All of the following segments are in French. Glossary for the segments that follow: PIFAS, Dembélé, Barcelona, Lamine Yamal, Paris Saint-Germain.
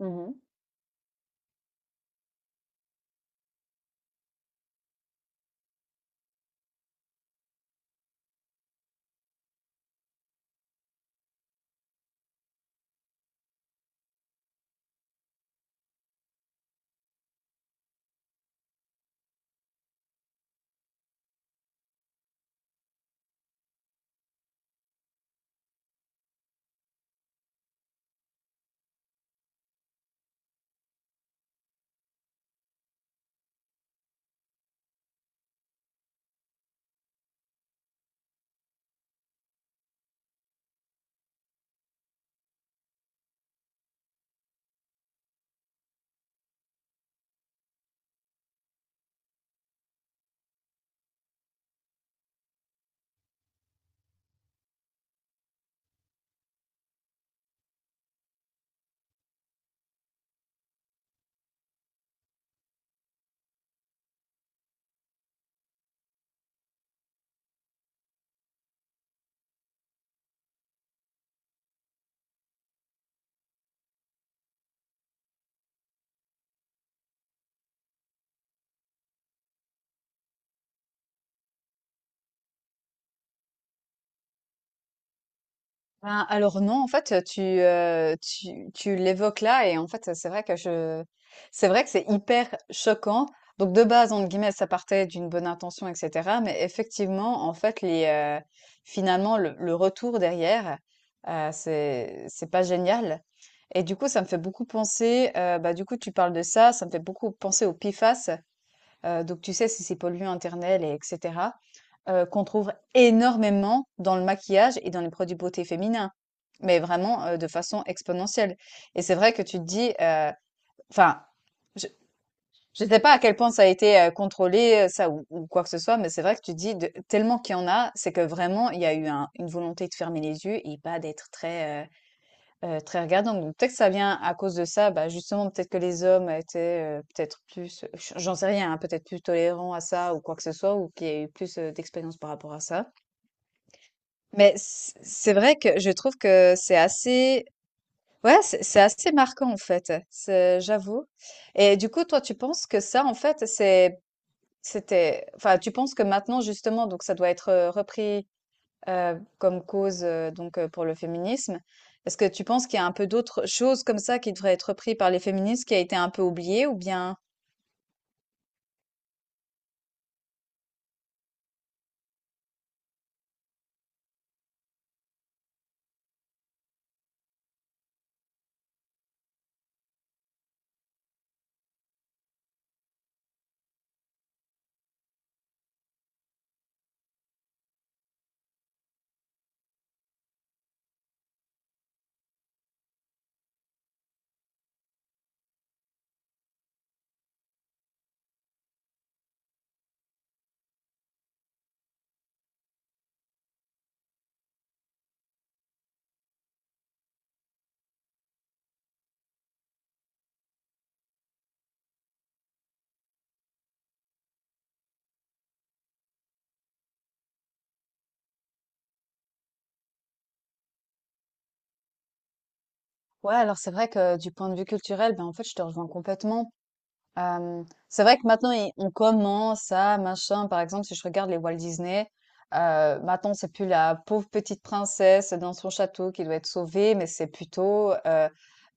Mmh. Alors non, en fait, tu l'évoques là et en fait, c'est vrai que c'est hyper choquant. Donc de base, entre guillemets, ça partait d'une bonne intention et cetera, mais effectivement, en fait, finalement, le retour derrière, c'est pas génial et du coup, ça me fait beaucoup penser, tu parles de ça, ça me fait beaucoup penser au PIFAS. Donc tu sais, si c'est ces polluants internels et etc. Qu'on trouve énormément dans le maquillage et dans les produits beauté féminins. Mais vraiment, de façon exponentielle, et c'est vrai que tu te dis, enfin, je ne sais pas à quel point ça a été contrôlé, ça ou quoi que ce soit, mais c'est vrai que tu te dis de tellement qu'il y en a, c'est que vraiment il y a eu un une volonté de fermer les yeux et pas d'être très regardant. Donc peut-être que ça vient à cause de ça, bah justement, peut-être que les hommes étaient peut-être plus, j'en sais rien, hein, peut-être plus tolérants à ça ou quoi que ce soit, ou qu'il y a eu plus d'expérience par rapport à ça. Mais c'est vrai que je trouve que c'est assez marquant, en fait, c'est j'avoue. Et du coup, toi, tu penses que ça, en fait, c'est c'était enfin, tu penses que maintenant, justement, donc ça doit être repris comme cause donc pour le féminisme. Est-ce que tu penses qu'il y a un peu d'autres choses comme ça qui devraient être prises par les féministes, qui a été un peu oubliée ou bien? Ouais, alors c'est vrai que du point de vue culturel, ben en fait, je te rejoins complètement. Euh, c'est vrai que maintenant, on commence à machin. Par exemple, si je regarde les Walt Disney, maintenant, c'est plus la pauvre petite princesse dans son château qui doit être sauvée, mais c'est plutôt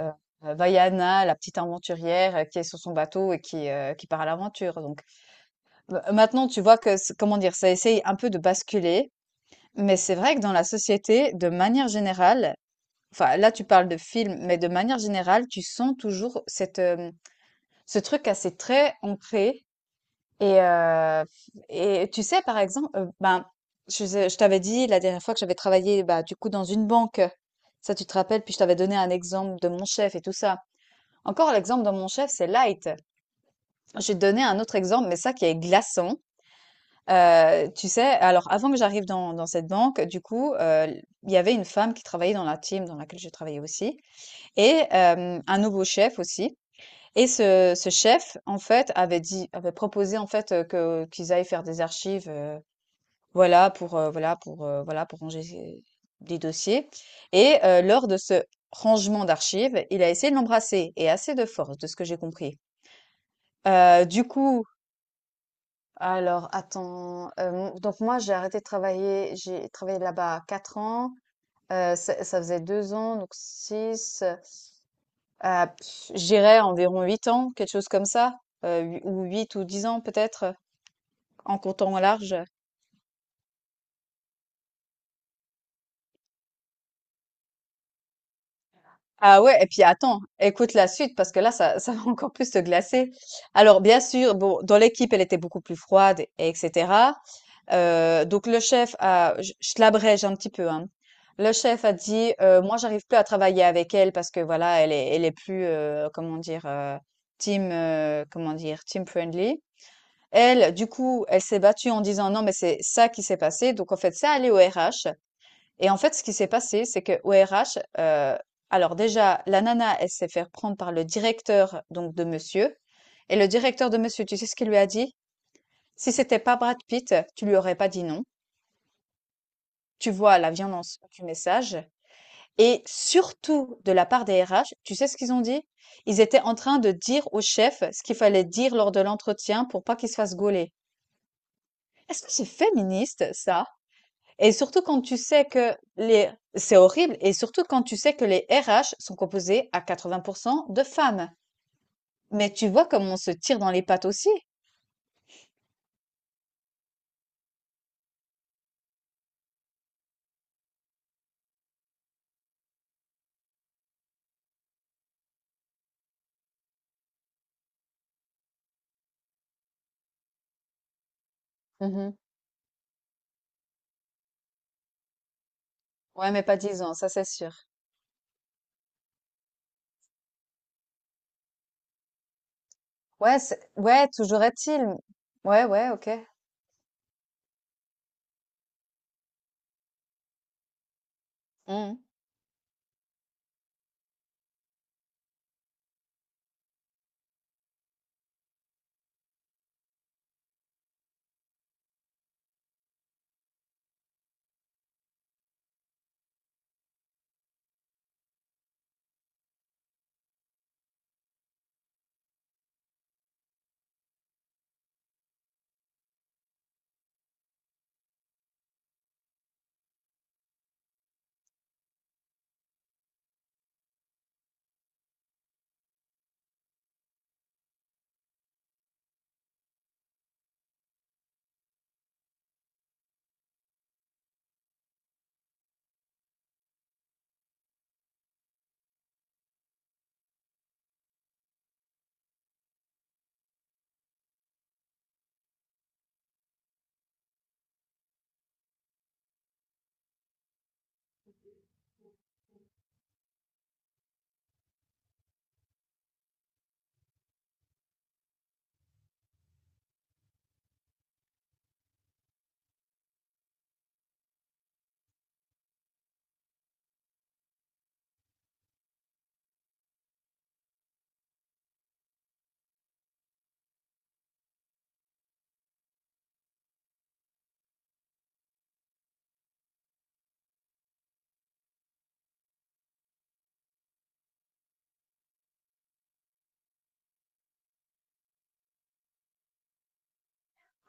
euh, Vaiana, la petite aventurière qui est sur son bateau et qui qui part à l'aventure. Maintenant, tu vois que c comment dire? Ça essaye un peu de basculer, mais c'est vrai que dans la société, de manière générale, enfin là, tu parles de films, mais de manière générale, tu sens toujours ce truc assez très ancré. Et et tu sais, par exemple, je t'avais dit la dernière fois que j'avais travaillé, bah, du coup, dans une banque. Ça, tu te rappelles? Puis je t'avais donné un exemple de mon chef et tout ça. Encore l'exemple de mon chef, c'est light. Je vais te donner un autre exemple, mais ça qui est glaçant. Tu sais, alors avant que j'arrive dans cette banque, il y avait une femme qui travaillait dans la team dans laquelle je travaillais aussi, et un nouveau chef aussi. Et ce chef, en fait, avait proposé, en fait, que qu'ils aillent faire des archives, voilà pour, voilà pour, voilà pour ranger ces des dossiers. Et lors de ce rangement d'archives, il a essayé de l'embrasser, et assez de force, de ce que j'ai compris. Heu, du coup Alors attends, donc moi j'ai arrêté de travailler, j'ai travaillé là-bas 4 ans, ça ça faisait 2 ans, donc 6 ah je dirais environ 8 ans, quelque chose comme ça, hu ou 8 ou 10 ans peut-être, en comptant au large. Ah ouais, et puis attends, écoute la suite parce que là, ça, ça va encore plus te glacer. Alors, bien sûr, bon, dans l'équipe, elle était beaucoup plus froide, et etc. Donc le chef a, je l'abrège un petit peu, hein. Le chef a dit, moi, j'arrive plus à travailler avec elle parce que voilà, elle est plus, comment dire, team, comment dire, team friendly. Elle, du coup, elle s'est battue en disant non, mais c'est ça qui s'est passé. Donc en fait, ça allait au RH. Et en fait, ce qui s'est passé, c'est que au RH, alors déjà, la nana, elle s'est fait prendre par le directeur donc de monsieur, et le directeur de monsieur, tu sais ce qu'il lui a dit? «Si c'était pas Brad Pitt, tu lui aurais pas dit non. Tu vois la violence du message.» Et surtout de la part des RH, tu sais ce qu'ils ont dit? Ils étaient en train de dire au chef ce qu'il fallait dire lors de l'entretien pour pas qu'il se fasse gauler. Est-ce que c'est féministe, ça? Et surtout quand tu sais que les c'est horrible et surtout quand tu sais que les RH sont composés à 80% de femmes. Mais tu vois comme on se tire dans les pattes aussi. Mhm. Ouais, mais pas dix ans, ça c'est sûr. Ouais, ouais, toujours est-il. Ouais, ouais, ok. Mmh.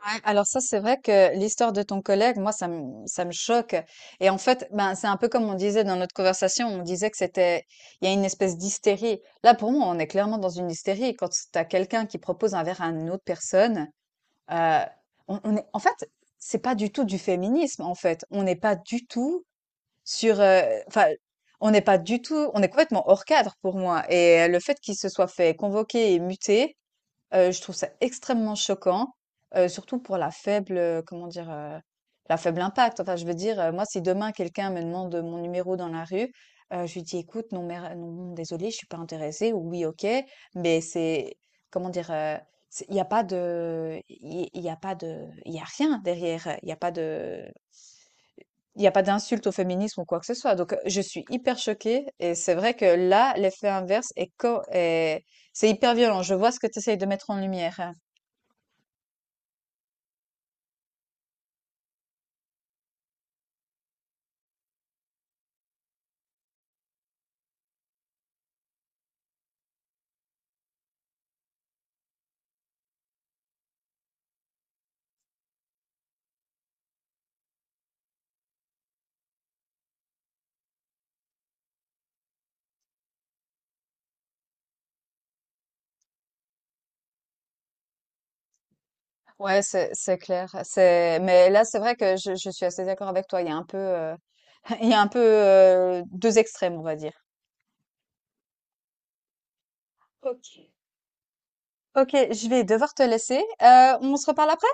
Ouais, alors ça, c'est vrai que l'histoire de ton collègue, moi, ça me choque. Et en fait, ben, c'est un peu comme on disait dans notre conversation, on disait que c'était, il y a une espèce d'hystérie. Là, pour moi, on est clairement dans une hystérie. Quand tu as quelqu'un qui propose un verre à une autre personne, euh, on est, en fait, c'est pas du tout du féminisme, en fait. On n'est pas du tout sur, enfin, on n'est pas du tout, on est complètement hors cadre pour moi. Et le fait qu'il se soit fait convoquer et muter, je trouve ça extrêmement choquant, surtout pour la la faible impact. Enfin, je veux dire, moi, si demain quelqu'un me demande mon numéro dans la rue, je lui dis: «Écoute, non mais, non désolée, je suis pas intéressée» ou «Oui, OK». Mais c'est comment dire? C'est il y a pas de il y a pas de il y a rien derrière. Il y a pas d'insulte au féminisme ou quoi que ce soit. Donc, je suis hyper choquée, et c'est vrai que là, l'effet inverse est c'est hyper violent. Je vois ce que tu essayes de mettre en lumière. Ouais, c'est clair. C'est mais là c'est vrai que je suis assez d'accord avec toi. Il y a un peu il y a un peu deux extrêmes, on va dire. Ok. Ok, je vais devoir te laisser. On se reparle après.